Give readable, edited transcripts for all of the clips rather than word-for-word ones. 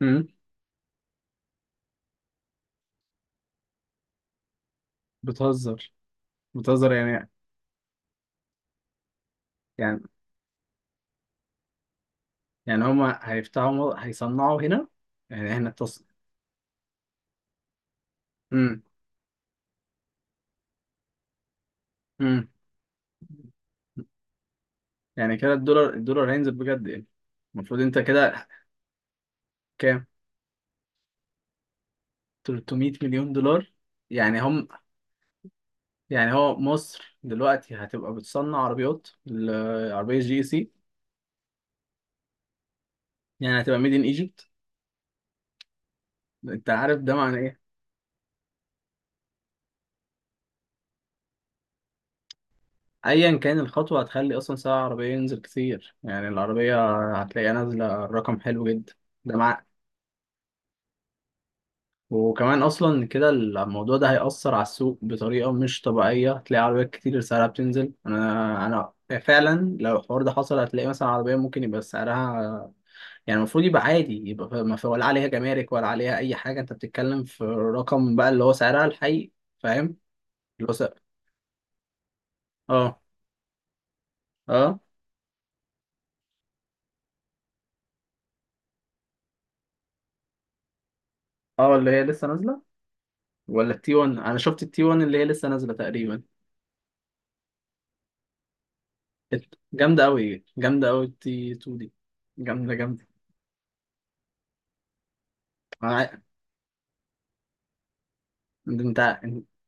امم بتهزر، بتهزر يعني يعني هما هيفتحوا، هيصنعوا هنا. يعني احنا التص. امم امم يعني كده الدولار هينزل بجد يعني. المفروض انت كده. كام؟ 300 مليون دولار. يعني هم يعني هو مصر دلوقتي هتبقى بتصنع عربيات، العربية جي سي. يعني هتبقى ميد ان ايجيبت. انت عارف ده معنى ايه؟ ايا كان الخطوة هتخلي اصلا سعر العربية ينزل كتير، يعني العربية هتلاقيها نازلة رقم حلو جدا. ده مع وكمان اصلا كده الموضوع ده هيأثر على السوق بطريقه مش طبيعيه، هتلاقي عربيات كتير سعرها بتنزل. انا فعلا لو الحوار ده حصل هتلاقي مثلا عربيه ممكن يبقى سعرها، يعني المفروض يبقى عادي، يبقى ما في ولا عليها جمارك ولا عليها اي حاجه، انت بتتكلم في رقم بقى اللي هو سعرها الحقيقي. فاهم؟ اللي هو سعر. اه. اه اه اللي هي لسه نازله، ولا التي 1. انا شفت التي 1 اللي هي لسه نازله تقريبا. جامده قوي، جامده قوي التي 2 دي. جامده، جامده. انت انت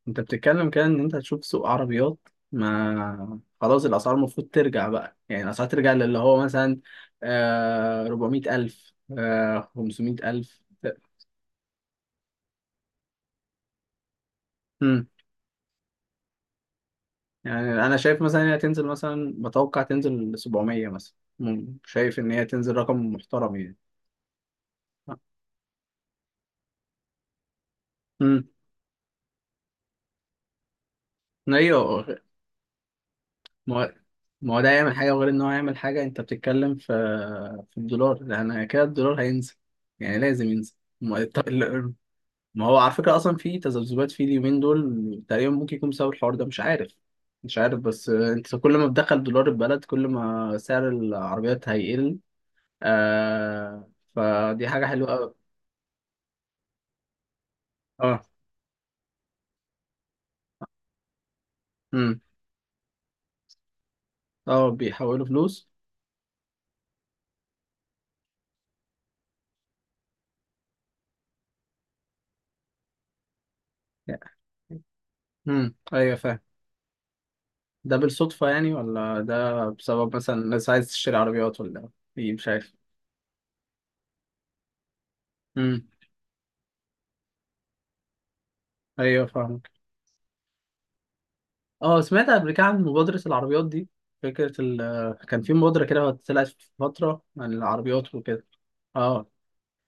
انت بتتكلم كده ان انت هتشوف سوق عربيات. ما خلاص الاسعار المفروض ترجع بقى، يعني الاسعار ترجع للي هو مثلا آه 400 الف، آه 500 الف. امم. يعني انا شايف مثلا إن هي تنزل، مثلا بتوقع تنزل ل 700 مثلا. شايف ان هي تنزل رقم محترم يعني. امم. ايوه. ما هو ما هو ده يعمل حاجه، غير ان هو يعمل حاجه، انت بتتكلم في في الدولار، لان كده الدولار هينزل، يعني لازم ينزل. ما هو على فكرة أصلا في تذبذبات في اليومين دول، تقريبا ممكن يكون بسبب الحوار ده، مش عارف. مش عارف بس، أنت كل ما بتدخل دولار البلد كل ما سعر العربيات هيقل. آه، فدي حاجة حلوة أوي. أه. أمم. أه، بيحولوا فلوس. أمم، أيوه، فاهم. ده بالصدفة يعني، ولا ده بسبب مثلا الناس عايز تشتري عربيات، ولا إيه؟ مش عارف. أمم. أيوه، فاهم. اه، سمعت قبل كده عن مبادرة العربيات دي. فكرة ال. كان في مبادرة كده طلعت في فترة عن العربيات وكده. اه.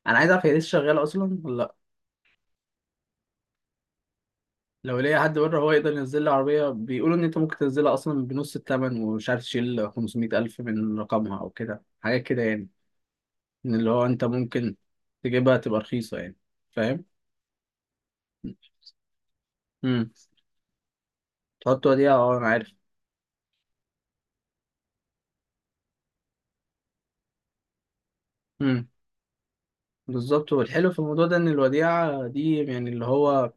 انا عايز اعرف هي لسه شغالة اصلا ولا لا. لو ليا حد بره هو يقدر ينزل لي عربية، بيقولوا ان انت ممكن تنزلها اصلا بنص الثمن، ومش عارف تشيل 500 الف من رقمها او كده حاجات كده يعني، ان اللي هو انت ممكن تجيبها تبقى رخيصة يعني. فاهم. امم. تحط وديعة، اه انا عارف. امم، بالظبط. والحلو في الموضوع ده ان الوديعة دي يعني اللي هو،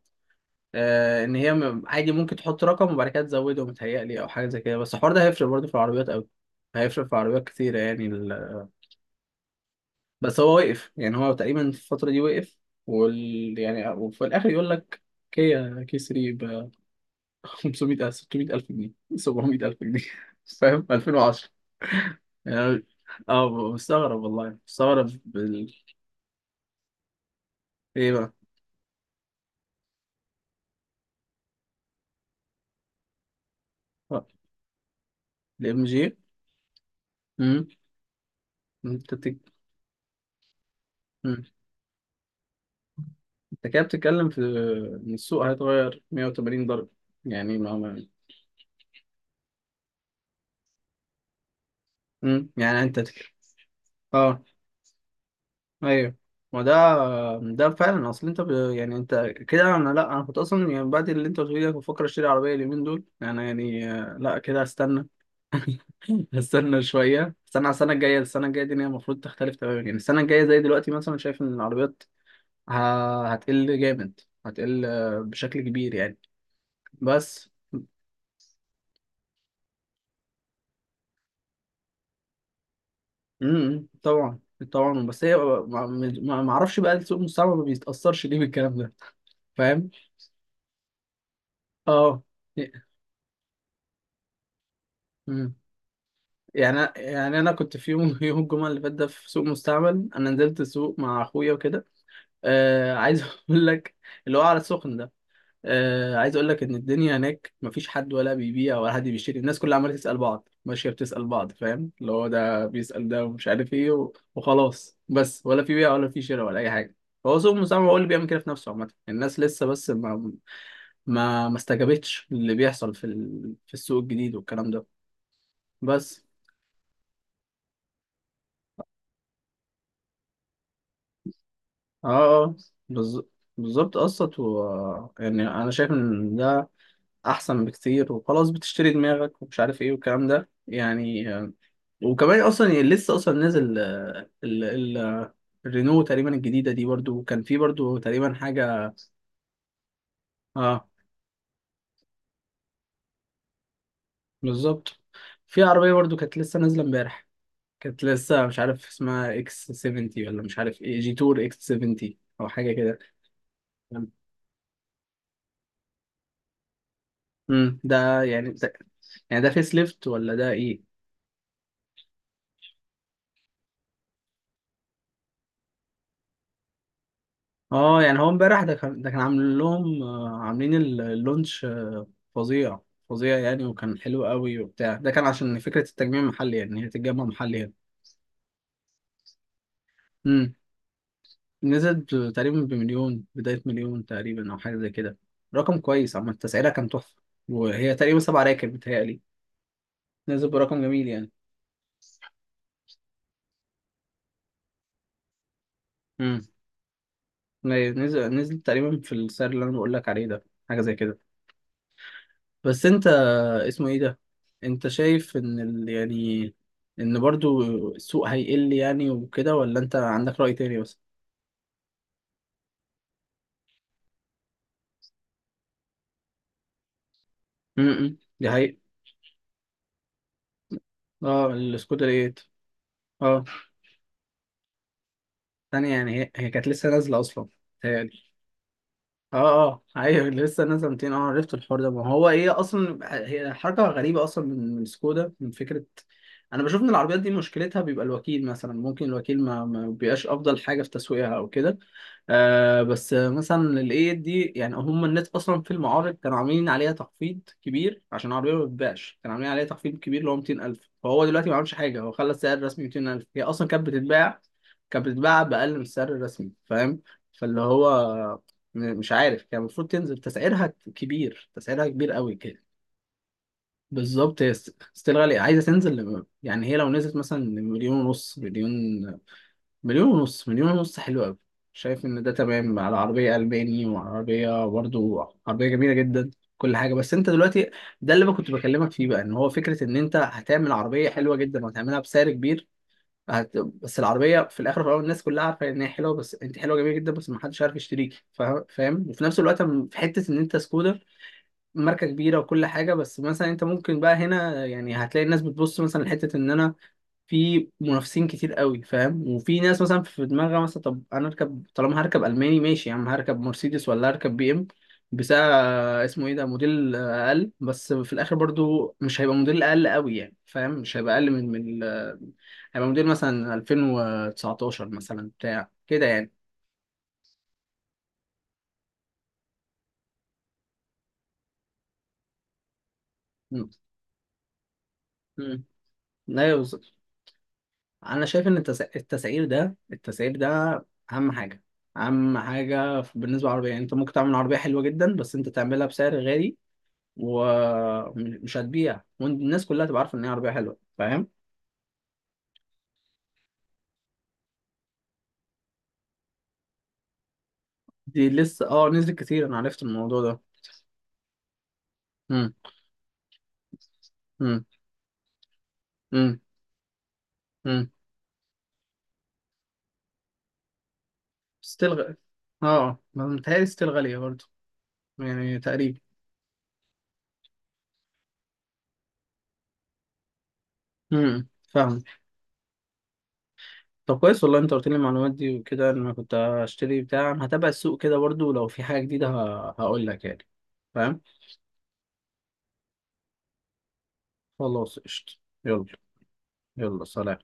ان هي عادي ممكن تحط رقم وبعد كده تزوده متهيألي، او حاجه زي كده. بس الحوار ده هيفرق برضه في العربيات قوي، هيفرق في عربيات كتيره يعني ال... بس هو وقف، يعني هو تقريبا في الفتره دي وقف. وال... يعني وفي الاخر يقول لك كيا كي 3 ب 500 ألف، 600 الف جنيه، 700 الف جنيه فاهم؟ 2010 يعني. اه، مستغرب، والله مستغرب بال... ايه بقى. الام جي. إمم. انت بتك... انت كده بتتكلم في ان السوق هيتغير 180 درجة يعني، ما ما. يعني انت تك... اه، ايوه. ما ده. ده فعلا اصل انت ب... يعني انت كده. انا لا، انا كنت اصلا يعني بعد اللي انت قلت لي ده كنت بفكر اشتري عربية اليومين دول، انا يعني آه، لا كده هستنى. هستنى شوية، استنى على السنة الجاية. السنة الجاية دي إن هي المفروض تختلف تماما، يعني السنة الجاية زي دلوقتي مثلا، شايف ان العربيات ه... هتقل جامد، هتقل آه، بشكل كبير يعني. بس. امم، طبعا. طبعا. بس هي ما اعرفش بقى، السوق المستعمر ما بيتاثرش ليه بالكلام ده. فاهم. اه. امم. يعني يعني انا كنت في يوم يوم الجمعه اللي فات ده، في سوق مستعمل انا نزلت السوق مع اخويا وكده. آه، عايز اقول لك اللي هو على السخن ده. آه، عايز اقول لك ان الدنيا هناك مفيش حد ولا بيبيع ولا حد بيشتري، الناس كلها عماله تسال بعض، ماشيه بتسال بعض فاهم، اللي هو ده بيسال ده، ومش عارف ايه وخلاص بس، ولا في بيع ولا في شراء ولا اي حاجه. هو سوق المساهمه هو اللي بيعمل كده في نفسه، عامه الناس لسه بس ما استجابتش اللي بيحصل في ال... في السوق الجديد والكلام ده. بس. اه. آه، بالظ- بالظبط قسط، و يعني انا شايف ان ده احسن بكتير، وخلاص بتشتري دماغك ومش عارف ايه والكلام ده يعني. وكمان اصلا يعني لسه اصلا نازل آه، ال الرينو تقريبا الجديده دي برضو، وكان في برضو تقريبا حاجه. اه، بالظبط. في عربيه برضو كانت لسه نازله امبارح، كانت لسه مش عارف اسمها اكس 70 ولا مش عارف ايه، جي تور اكس 70 او حاجه كده. امم، ده يعني ده. يعني ده فيس ليفت ولا ده ايه؟ اه، يعني هو امبارح ده كان، ده كان عامل لهم آه، عاملين اللونش آه، فظيع. فظيع يعني، وكان حلو قوي وبتاع، ده كان عشان فكره التجميع المحلي يعني هي تتجمع محلي هنا. امم. نزل تقريبا بمليون، بداية مليون تقريبا أو حاجة زي كده. رقم كويس عامة، التسعيرة كان تحفة. وهي تقريبا سبع راكب بتهيألي. نزل برقم جميل يعني. امم. نزل، نزل تقريبا في السعر اللي أنا بقول لك عليه ده، حاجة زي كده. بس أنت اسمه إيه ده؟ أنت شايف إن ال... يعني إن برضو السوق هيقل يعني وكده، ولا أنت عندك رأي تاني بس؟ امم، دي حقيقة. اه، السكودا ايه؟ اه، تانية يعني هي... هي كانت لسه نازلة أصلا. اه. اه ايوه لسه نازله 200. اه عرفت الحوار ده، ما هو ايه اصلا. هي حركه غريبه اصلا من من سكودا، من فكره. انا بشوف ان العربيات دي مشكلتها بيبقى الوكيل، مثلا ممكن الوكيل ما بيبقاش افضل حاجه في تسويقها او كده. آه، بس مثلا الايه دي يعني هم الناس اصلا في المعارض كانوا عاملين عليها تخفيض كبير عشان العربيه ما بتتباعش، كانوا عاملين عليها تخفيض كبير اللي هو 200,000، فهو دلوقتي ما عملش حاجه، هو خلى السعر الرسمي 200,000. هي اصلا كانت بتتباع، كانت بتتباع باقل من السعر الرسمي. فاهم. فاللي هو، مش عارف، كان المفروض تنزل تسعيرها كبير، تسعيرها كبير قوي كده. بالظبط. هي ستيل غالية، عايزة تنزل ل- يعني هي لو نزلت مثلا مليون ونص، مليون، مليون ونص، مليون ونص حلو قوي. شايف ان ده تمام على عربية ألماني، وعربية برضو عربية جميلة جدا كل حاجة. بس انت دلوقتي ده اللي انا كنت بكلمك فيه بقى، ان هو فكرة ان انت هتعمل عربية حلوة جدا وهتعملها بسعر كبير. بس العربيه في الاخر وفي الاول الناس كلها عارفه ان هي حلوه، بس انت حلوه جميله جدا، بس ما حدش عارف يشتريكي فاهم. وفي نفس الوقت، في حته ان انت سكوتر، ماركه كبيره وكل حاجه، بس مثلا انت ممكن بقى هنا يعني هتلاقي الناس بتبص مثلا لحته ان انا في منافسين كتير قوي فاهم. وفي ناس مثلا في دماغها مثلا طب انا اركب، طالما هركب الماني ماشي يا عم، هركب مرسيدس ولا هركب بي ام بسعر آه، اسمه ايه ده، موديل آه، اقل، بس في الاخر برضو مش هيبقى موديل اقل قوي يعني فاهم، مش هيبقى اقل من من آه، هيبقى موديل مثلا 2019 مثلا بتاع كده يعني. مم. مم. لا يوصل. انا شايف ان التسعير ده، التسعير ده اهم حاجه، اهم حاجه بالنسبه للعربيه. يعني انت ممكن تعمل عربيه حلوه جدا، بس انت تعملها بسعر غالي ومش هتبيع، والناس كلها تبقى عارفه ان هي عربيه حلوه فاهم. دي لسه، اه نزلت كتير، انا عرفت الموضوع ده. امم امم امم امم ستيل غ... اه، ما متهيألي ستيل غاليه برضه، يعني تقريبا. امم، فاهم. طب كويس والله انت قلت لي المعلومات دي وكده، ان انا كنت هشتري بتاع، أنا هتابع السوق كده برضه، ولو في حاجه جديده هقول لك يعني. فاهم. خلاص قشطه. يلا. يلا سلام.